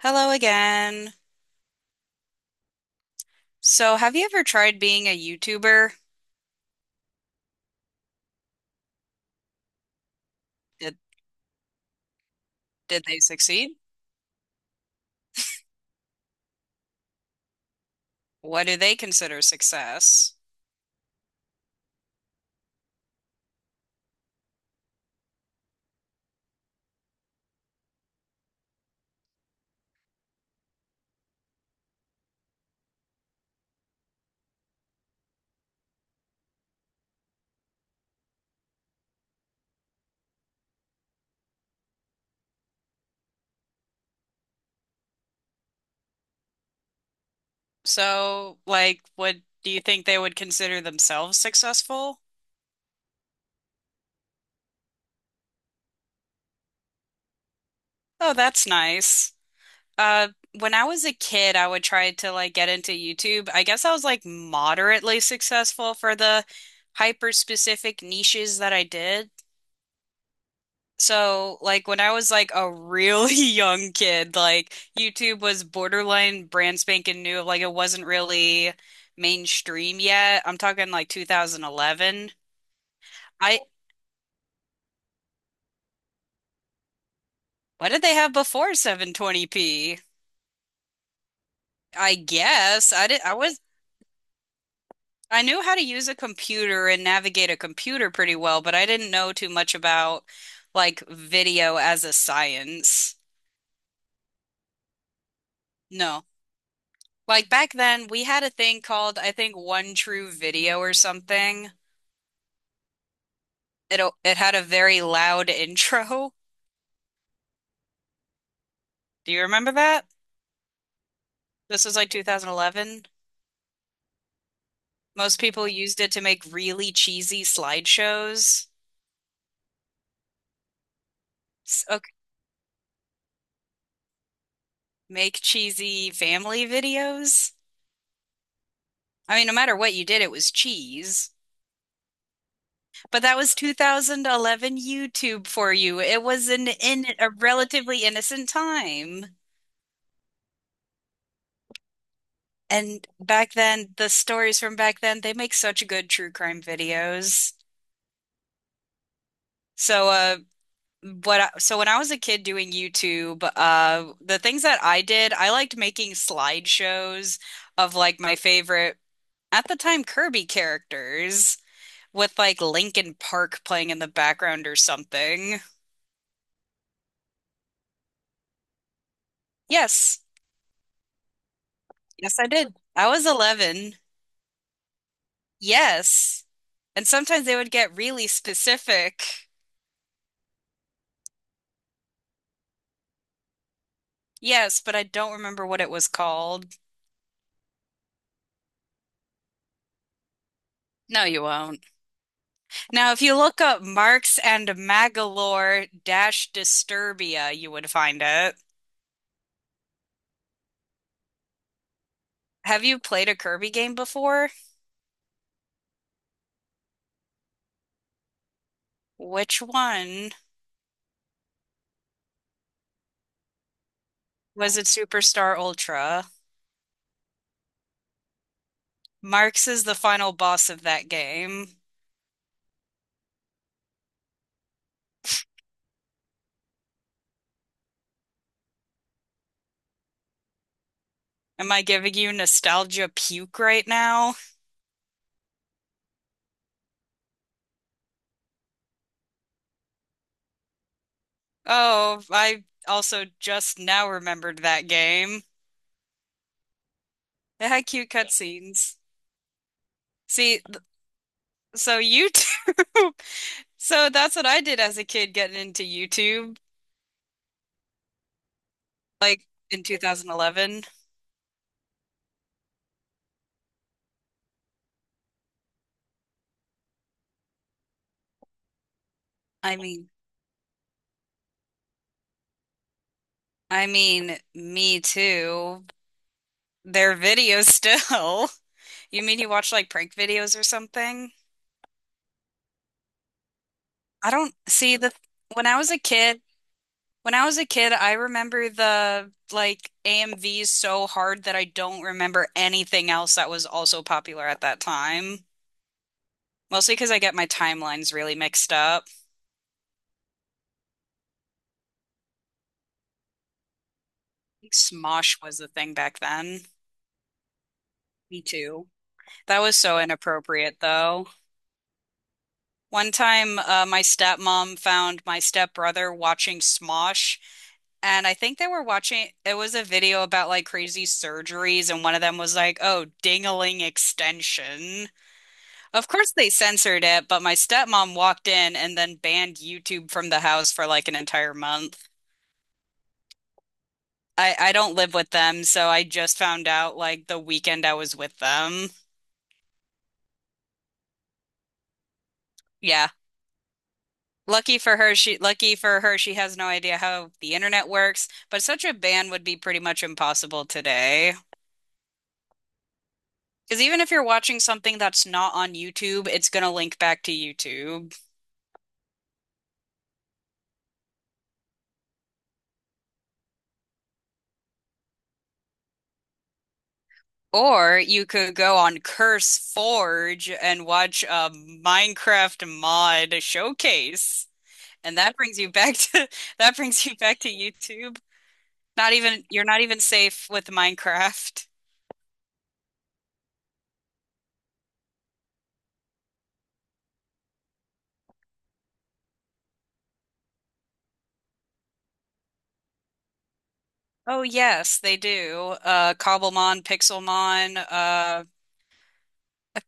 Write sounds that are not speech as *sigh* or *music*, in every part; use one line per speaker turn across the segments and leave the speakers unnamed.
Hello again. So, have you ever tried being a YouTuber? Did did they succeed? What do they consider success? So, like, what do you think they would consider themselves successful? Oh, that's nice. Uh, when I was a kid, I would try to like get into YouTube. I guess I was like moderately successful for the hyper specific niches that I did. So, like when I was like a really *laughs* young kid, like YouTube was borderline brand spanking new. Like it wasn't really mainstream yet. I'm talking like 2011. I What did they have before 720p? I guess I did. I knew how to use a computer and navigate a computer pretty well, but I didn't know too much about like video as a science. No. Like back then, we had a thing called, I think, One True Video or something. It had a very loud intro. Do you remember that? This was like 2011. Most people used it to make really cheesy slideshows. s- ok- Make cheesy family videos. I mean, no matter what you did, it was cheese. But that was 2011 YouTube for you. It was an in a relatively innocent time. And back then, the stories from back then, they make such good true crime videos. So, so when I was a kid doing YouTube, the things that I did, I liked making slideshows of like my favorite at the time Kirby characters with like Linkin Park playing in the background or something. Yes, yes, I did. I was 11. Yes. And sometimes they would get really specific. Yes, but I don't remember what it was called. No, you won't. Now, if you look up Marx and Magalore dash Disturbia, you would find it. Have you played a Kirby game before? Which one? Was it Superstar Ultra? Marx is the final boss of that game. Am I giving you nostalgia puke right now? Oh, I also just now remembered that game. It had cute cutscenes. See, th- so YouTube. *laughs* So that's what I did as a kid getting into YouTube. Like in 2011. I mean, I mean, me too. Their videos still. *laughs* You mean you watch like prank videos or something? I don't see the when I was a kid, when I was a kid, I remember the like AMVs so hard that I don't remember anything else that was also popular at that time. Mostly because I get my timelines really mixed up. I Think Smosh was the thing back then. Me too. That was so inappropriate though. One time, my stepmom found my stepbrother watching Smosh, and I think they were watching, it was a video about like crazy surgeries, and one of them was like, oh, dingling extension. Of course, they censored it, but my stepmom walked in and then banned YouTube from the house for like an entire month. I don't live with them, so I just found out like the weekend I was with them. Yeah. Lucky for her, she has no idea how the internet works, but such a ban would be pretty much impossible today. Because even if you're watching something that's not on YouTube, it's gonna link back to YouTube. Or you could go on Curse Forge and watch a Minecraft mod showcase. And that brings you back to *laughs* that brings you back to YouTube. Not even you're not even safe with Minecraft. Oh yes, they do. Cobblemon, Pixelmon,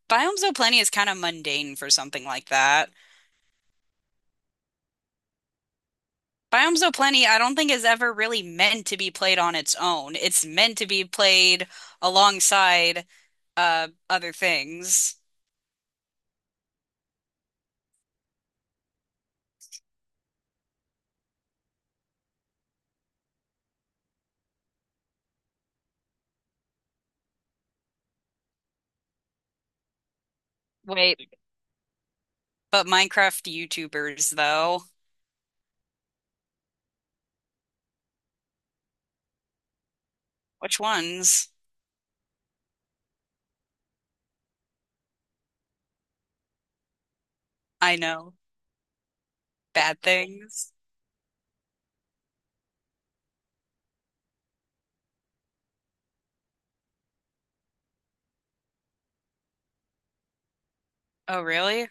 Biomes Zooplenia is kind of mundane for something like that. Biomes Zooplany, I don't think is ever really meant to be played on its own. It's meant to be played alongside other things. Wait, but Minecraft YouTubers though. Which ones? I know. Bad things. Oh, really?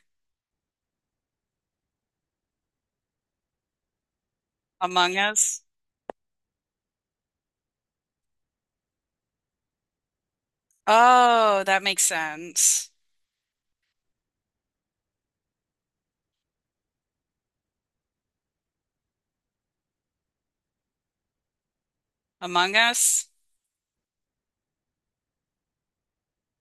Among Us? Oh, that makes sense. Among Us?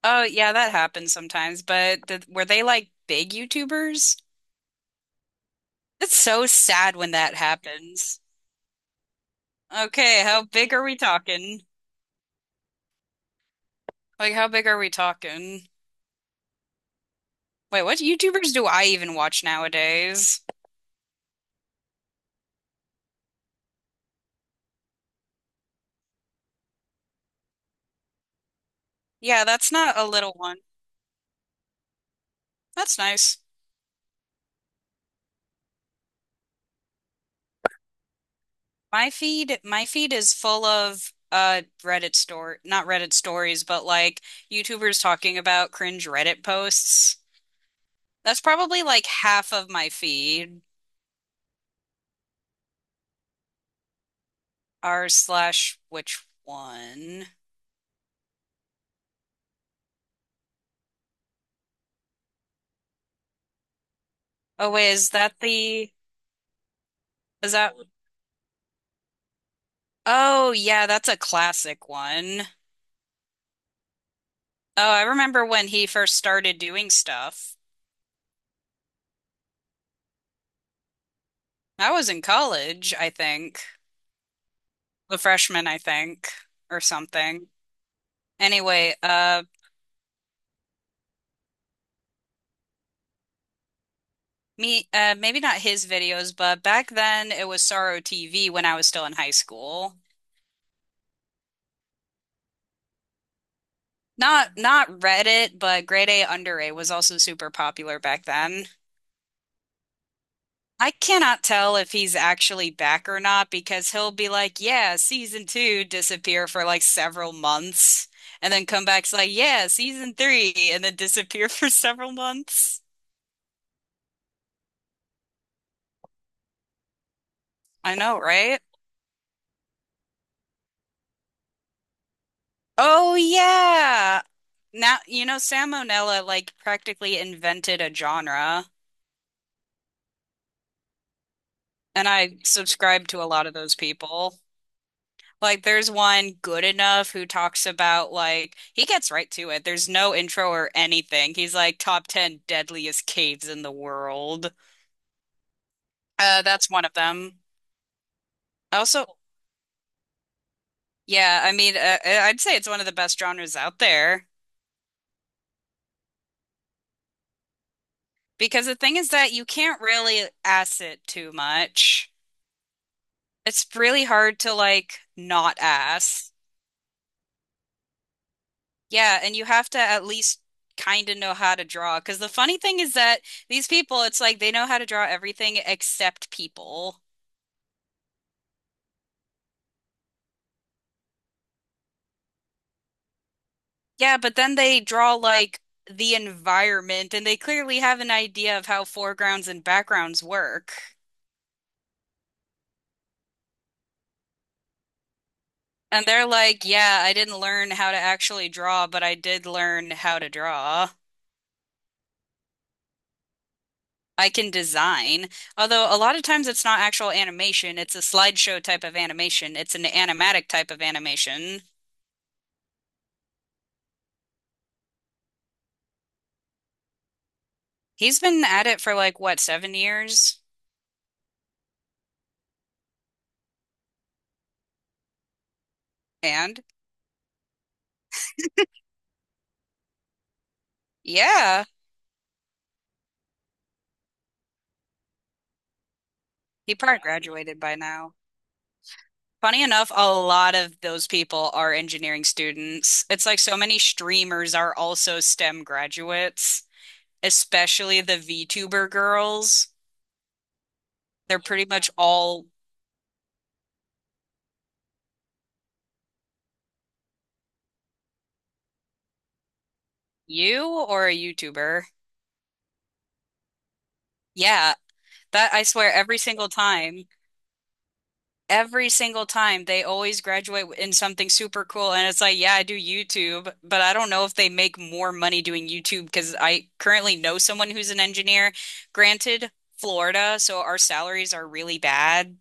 Oh, yeah, that happens sometimes, but th were they like big YouTubers? It's so sad when that happens. Okay, how big are we talking? Like, how big are we talking? Wait, what YouTubers do I even watch nowadays? Yeah, that's not a little one. That's nice. My feed is full of Reddit story, not Reddit stories, but like YouTubers talking about cringe Reddit posts. That's probably like half of my feed. R slash which one? Oh wait, is that the is that? Oh, yeah, that's a classic one. Oh, I remember when he first started doing stuff. I was in college, I think, a freshman, I think, or something. Anyway, maybe not his videos, but back then it was Sorrow TV when I was still in high school. Not Reddit, but grade A under A was also super popular back then. I cannot tell if he's actually back or not because he'll be like, yeah, season two, disappear for like several months, and then come back, it's like, yeah, season three, and then disappear *laughs* for several months. I know, right? Oh, yeah. Now, you know, Salmonella like practically invented a genre, and I subscribe to a lot of those people. Like there's one good enough who talks about like he gets right to it. There's no intro or anything. He's like top 10 deadliest caves in the world. That's one of them. Also, yeah, I mean I'd say it's one of the best genres out there because the thing is that you can't really ass it too much. It's really hard to like not ass. Yeah, and you have to at least kind of know how to draw. Because the funny thing is that these people, it's like they know how to draw everything except people. Yeah, but then they draw like the environment and they clearly have an idea of how foregrounds and backgrounds work. And they're like, yeah, I didn't learn how to actually draw, but I did learn how to draw. I can design. Although a lot of times it's not actual animation, it's a slideshow type of animation, it's an animatic type of animation. He's been at it for like what, 7 years? And yeah, he probably graduated by now. Funny enough, a lot of those people are engineering students. It's like so many streamers are also STEM graduates, especially the VTuber girls. They're pretty much all you or a YouTuber. Yeah, that I swear every single time. Every single time they always graduate in something super cool, and it's like yeah I do YouTube, but I don't know if they make more money doing YouTube because I currently know someone who's an engineer, granted Florida so our salaries are really bad,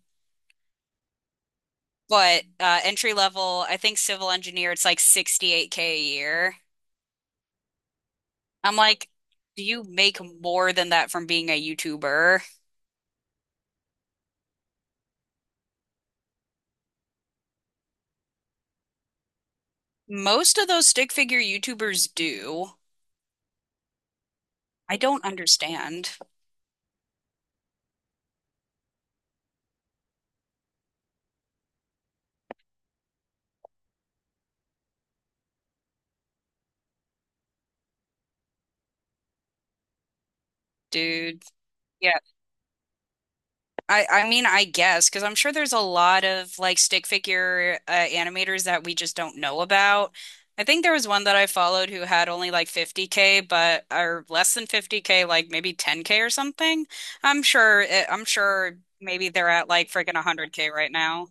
but entry level I think civil engineer it's like 68k a year. I'm like, do you make more than that from being a YouTuber? Most of those stick figure YouTubers do. I don't understand, dude. Yeah, I mean I guess because I'm sure there's a lot of like stick figure animators that we just don't know about. I think there was one that I followed who had only like 50k, but or less than 50k, like maybe 10k or something. I'm sure maybe they're at like freaking 100k right now.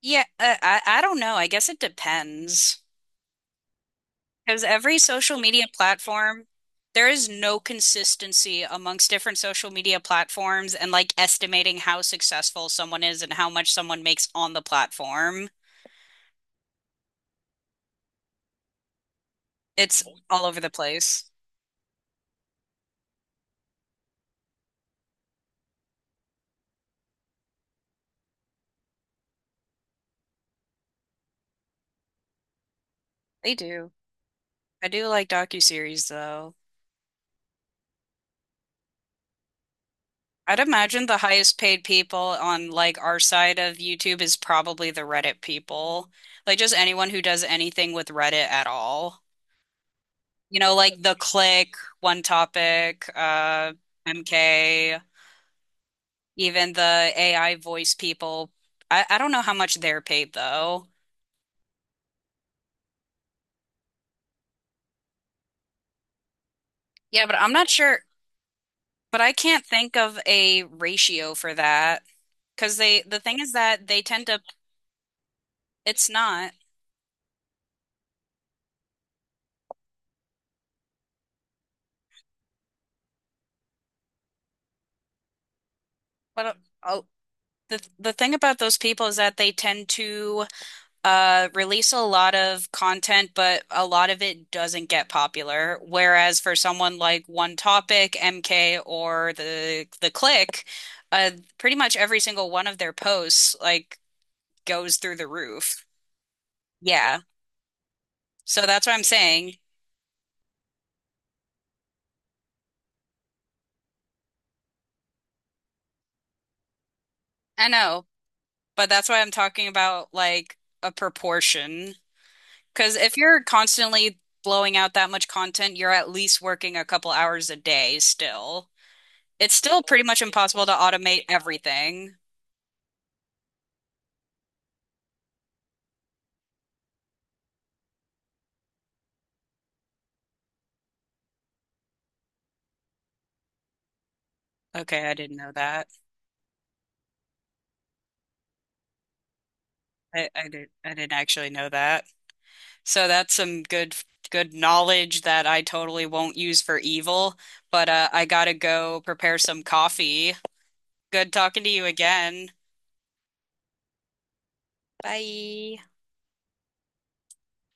Yeah, I don't know. I guess it depends. Because every social media platform, there is no consistency amongst different social media platforms and like estimating how successful someone is and how much someone makes on the platform. It's all over the place. They do. I do like docuseries though. I'd imagine the highest paid people on like our side of YouTube is probably the Reddit people. Like just anyone who does anything with Reddit at all. You know, like The Click, One Topic, MK. Even the AI voice people, I don't know how much they're paid though. Yeah, but I'm not sure. But I can't think of a ratio for that because the thing is that they tend to it's not. But oh, the thing about those people is that they tend to release a lot of content, but a lot of it doesn't get popular. Whereas for someone like One Topic, MK, or the Click, uh, pretty much every single one of their posts, like goes through the roof. Yeah. So that's what I'm saying. I know, but that's why I'm talking about like a proportion. Because if you're constantly blowing out that much content, you're at least working a couple hours a day still. It's still pretty much impossible to automate everything. Okay, I didn't know that. I didn't actually know that. So that's some good good knowledge that I totally won't use for evil, but I gotta go prepare some coffee. Good talking to you again. Bye.